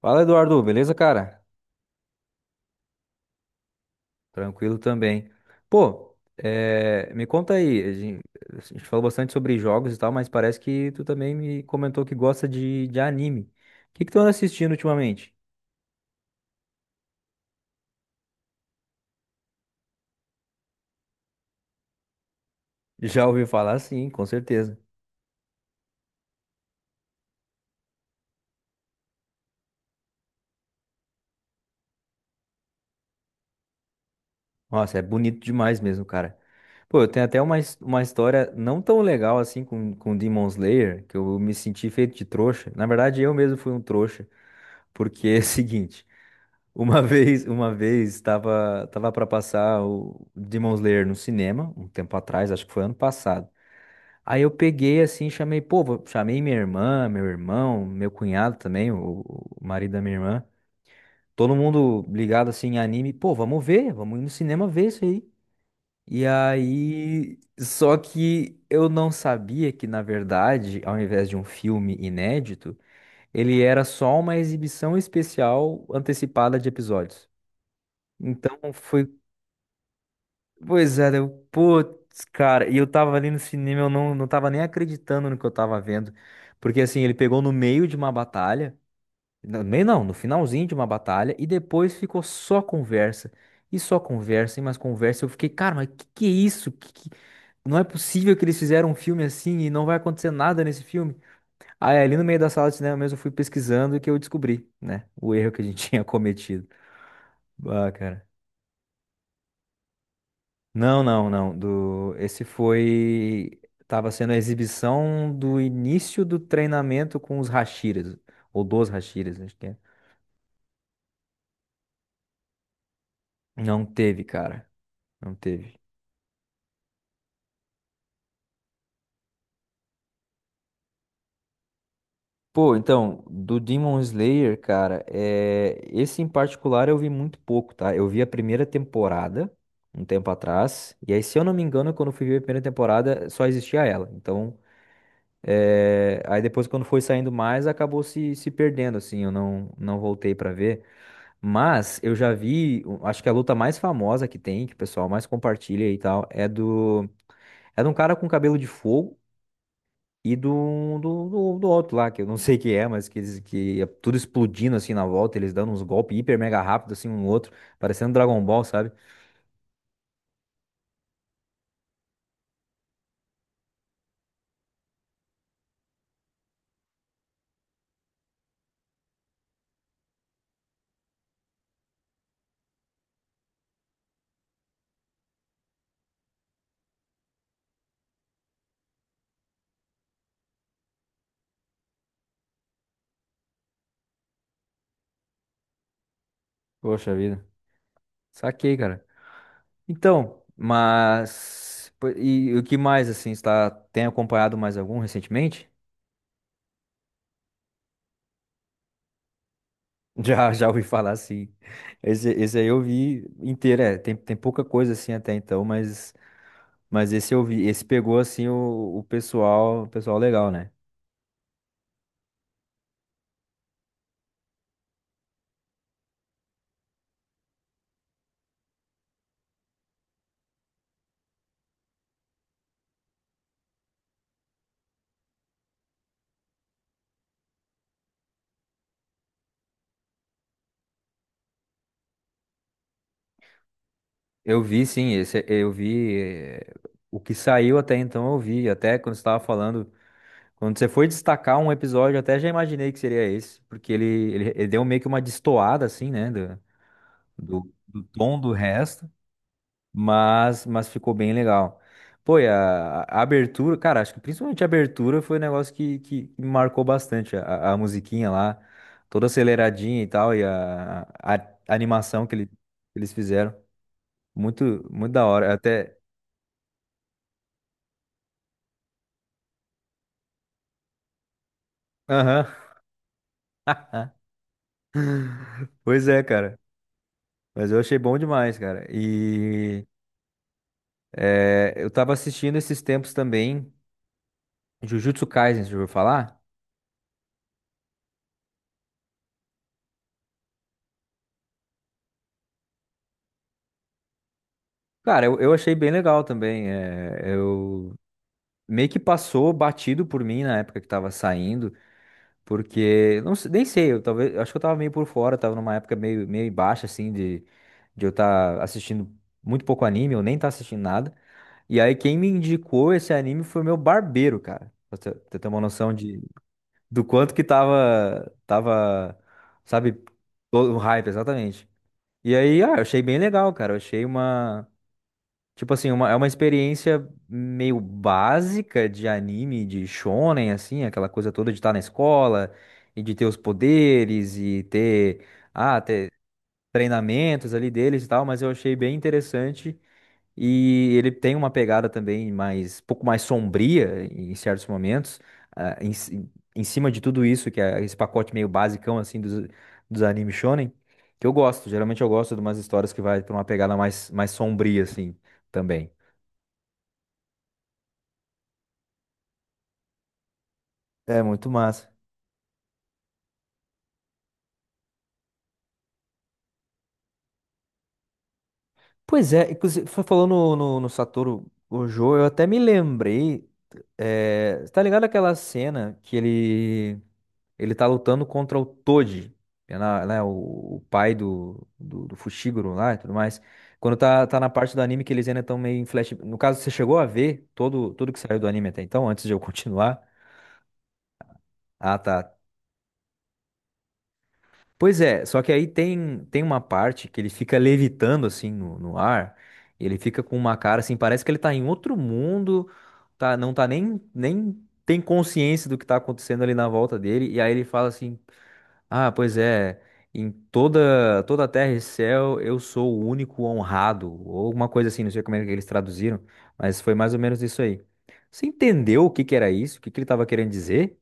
Fala, Eduardo, beleza, cara? Tranquilo também. Pô, me conta aí, a gente falou bastante sobre jogos e tal, mas parece que tu também me comentou que gosta de anime. O que que tu anda assistindo ultimamente? Já ouvi falar, sim, com certeza. Nossa, é bonito demais mesmo, cara. Pô, eu tenho até uma história não tão legal assim com Demon Slayer, que eu me senti feito de trouxa. Na verdade, eu mesmo fui um trouxa, porque é o seguinte. Uma vez, uma vez estava tava para passar o Demon Slayer no cinema, um tempo atrás, acho que foi ano passado. Aí eu peguei assim, chamei, pô, chamei minha irmã, meu irmão, meu cunhado também, o marido da minha irmã, todo mundo ligado assim em anime, pô, vamos ver, vamos ir no cinema ver isso aí. E aí, só que eu não sabia que na verdade, ao invés de um filme inédito, ele era só uma exibição especial antecipada de episódios. Então foi. Pois é, eu, putz, cara, e eu tava ali no cinema, eu não tava nem acreditando no que eu tava vendo. Porque assim, ele pegou no meio de uma batalha, no meio não, no finalzinho de uma batalha, e depois ficou só conversa. E só conversa, e mais conversa. Eu fiquei, cara, mas que é isso? Não é possível que eles fizeram um filme assim e não vai acontecer nada nesse filme. Aí ali no meio da sala de cinema mesmo eu fui pesquisando e que eu descobri, né, o erro que a gente tinha cometido. Ah, cara. Não, não, não. Do... Esse foi. Tava sendo a exibição do início do treinamento com os Hashiras. Ou dos Hashiras, acho que é. Não teve, cara. Não teve. Pô, então, do Demon Slayer, cara, é... esse em particular eu vi muito pouco, tá? Eu vi a primeira temporada, um tempo atrás. E aí, se eu não me engano, quando eu fui ver a primeira temporada, só existia ela. Então. Aí depois, quando foi saindo mais, acabou se perdendo, assim. Eu não voltei pra ver. Mas eu já vi, eu acho que a luta mais famosa que tem, que o pessoal mais compartilha e tal, é do. É de um cara com cabelo de fogo e do outro lá, que eu não sei quem é, mas que é tudo explodindo assim na volta, eles dando uns golpes hiper mega rápido assim um no outro, parecendo Dragon Ball, sabe? Poxa vida. Saquei, cara. E o que mais, assim, tem acompanhado mais algum recentemente? Já ouvi falar, sim. Esse aí eu vi inteiro, é. Tem pouca coisa assim até então, mas esse eu vi. Esse pegou assim o pessoal legal, né? Eu vi, sim, esse eu vi. O que saiu até então eu vi. Até quando você estava falando, quando você foi destacar um episódio, eu até já imaginei que seria esse, porque ele deu meio que uma destoada, assim, né? Do tom do resto. Mas ficou bem legal. Pô, e a abertura, cara, acho que principalmente a abertura foi um negócio que me marcou bastante. A musiquinha lá, toda aceleradinha e tal, e a animação que eles fizeram. Muito, muito da hora. Até. Aham. Pois é, cara. Mas eu achei bom demais, cara. Eu tava assistindo esses tempos também, Jujutsu Kaisen, você já ouviu falar? Cara, eu achei bem legal também. Eu meio que passou batido por mim na época que tava saindo, porque nem sei, eu talvez, acho que eu tava meio por fora, tava numa época meio meio baixa assim de eu estar assistindo muito pouco anime, eu nem tá assistindo nada. E aí quem me indicou esse anime foi o meu barbeiro, cara. Pra você ter uma noção de do quanto que tava, sabe, todo o hype exatamente. E aí, ah, eu achei bem legal, cara. Eu achei uma. Tipo assim, é uma experiência meio básica de anime, de shonen, assim, aquela coisa toda de estar na escola e de ter os poderes e ter treinamentos ali deles e tal, mas eu achei bem interessante e ele tem uma pegada também mais, um pouco mais sombria em certos momentos, ah, em, ci- em cima de tudo isso, que é esse pacote meio basicão, assim, dos animes shonen, que eu gosto, geralmente eu gosto de umas histórias que vai pra uma pegada mais, mais sombria, assim, também. É muito massa. Pois é, inclusive, foi falando no Satoru Gojo, eu até me lembrei. É, tá ligado aquela cena que ele ele tá lutando contra o Toji, né, o pai do Fushiguro lá e tudo mais. Quando tá na parte do anime que eles ainda estão meio em flash. No caso, você chegou a ver todo, tudo que saiu do anime até então, antes de eu continuar? Ah, tá. Pois é, só que aí tem, tem uma parte que ele fica levitando assim no ar, e ele fica com uma cara assim, parece que ele tá em outro mundo, tá, não tá nem tem consciência do que tá acontecendo ali na volta dele, e aí ele fala assim: ah, pois é, em toda, toda a terra e céu eu sou o único honrado, ou alguma coisa assim, não sei como é que eles traduziram, mas foi mais ou menos isso aí. Você entendeu o que que era isso? O que que ele tava querendo dizer?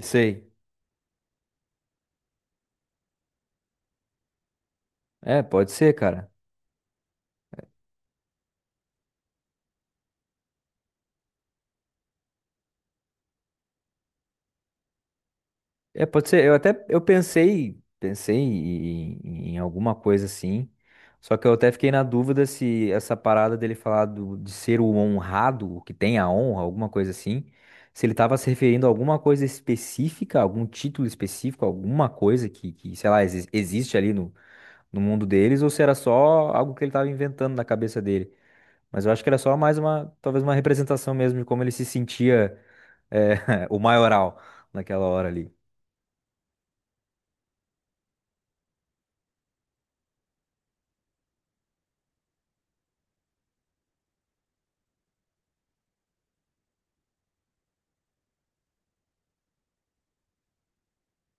Sei. É, pode ser, cara. É, pode ser. Eu até eu pensei, pensei em alguma coisa assim. Só que eu até fiquei na dúvida se essa parada dele falar de ser o honrado, o que tem a honra, alguma coisa assim, se ele estava se referindo a alguma coisa específica, algum título específico, alguma coisa sei lá, existe ali no, no mundo deles, ou se era só algo que ele estava inventando na cabeça dele. Mas eu acho que era só mais uma, talvez uma representação mesmo de como ele se sentia, o maioral naquela hora ali.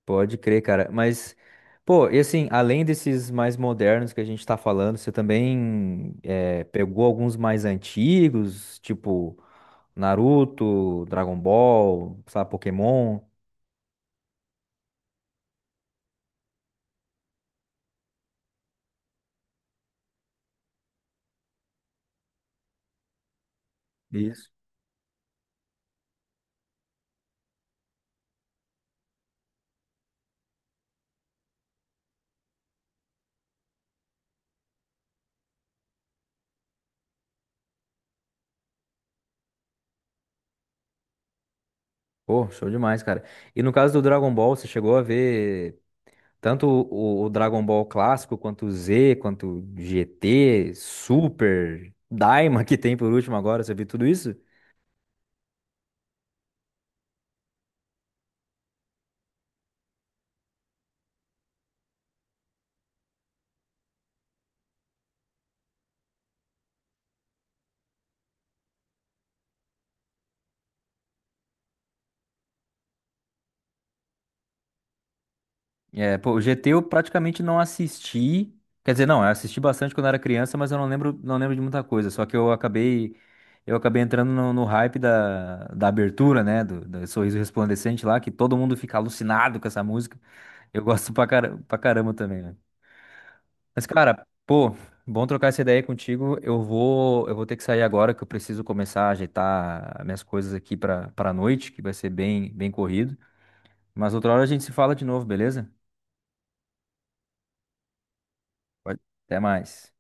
Pode crer, cara. Mas, pô, e assim, além desses mais modernos que a gente tá falando, você também pegou alguns mais antigos, tipo Naruto, Dragon Ball, sabe, Pokémon? Isso. Pô, show demais, cara. E no caso do Dragon Ball, você chegou a ver tanto o Dragon Ball clássico, quanto o Z, quanto o GT, Super, Daima, que tem por último agora, você viu tudo isso? É, pô, o GT eu praticamente não assisti. Quer dizer, não, eu assisti bastante quando era criança, mas eu não lembro, não lembro de muita coisa. Só que eu acabei entrando no hype da abertura, né? Do Sorriso Resplandecente lá, que todo mundo fica alucinado com essa música. Eu gosto pra, cara, pra caramba também, né? Mas, cara, pô, bom trocar essa ideia contigo. Eu vou ter que sair agora, que eu preciso começar a ajeitar minhas coisas aqui pra noite, que vai ser bem, bem corrido. Mas outra hora a gente se fala de novo, beleza? Pode. Até mais.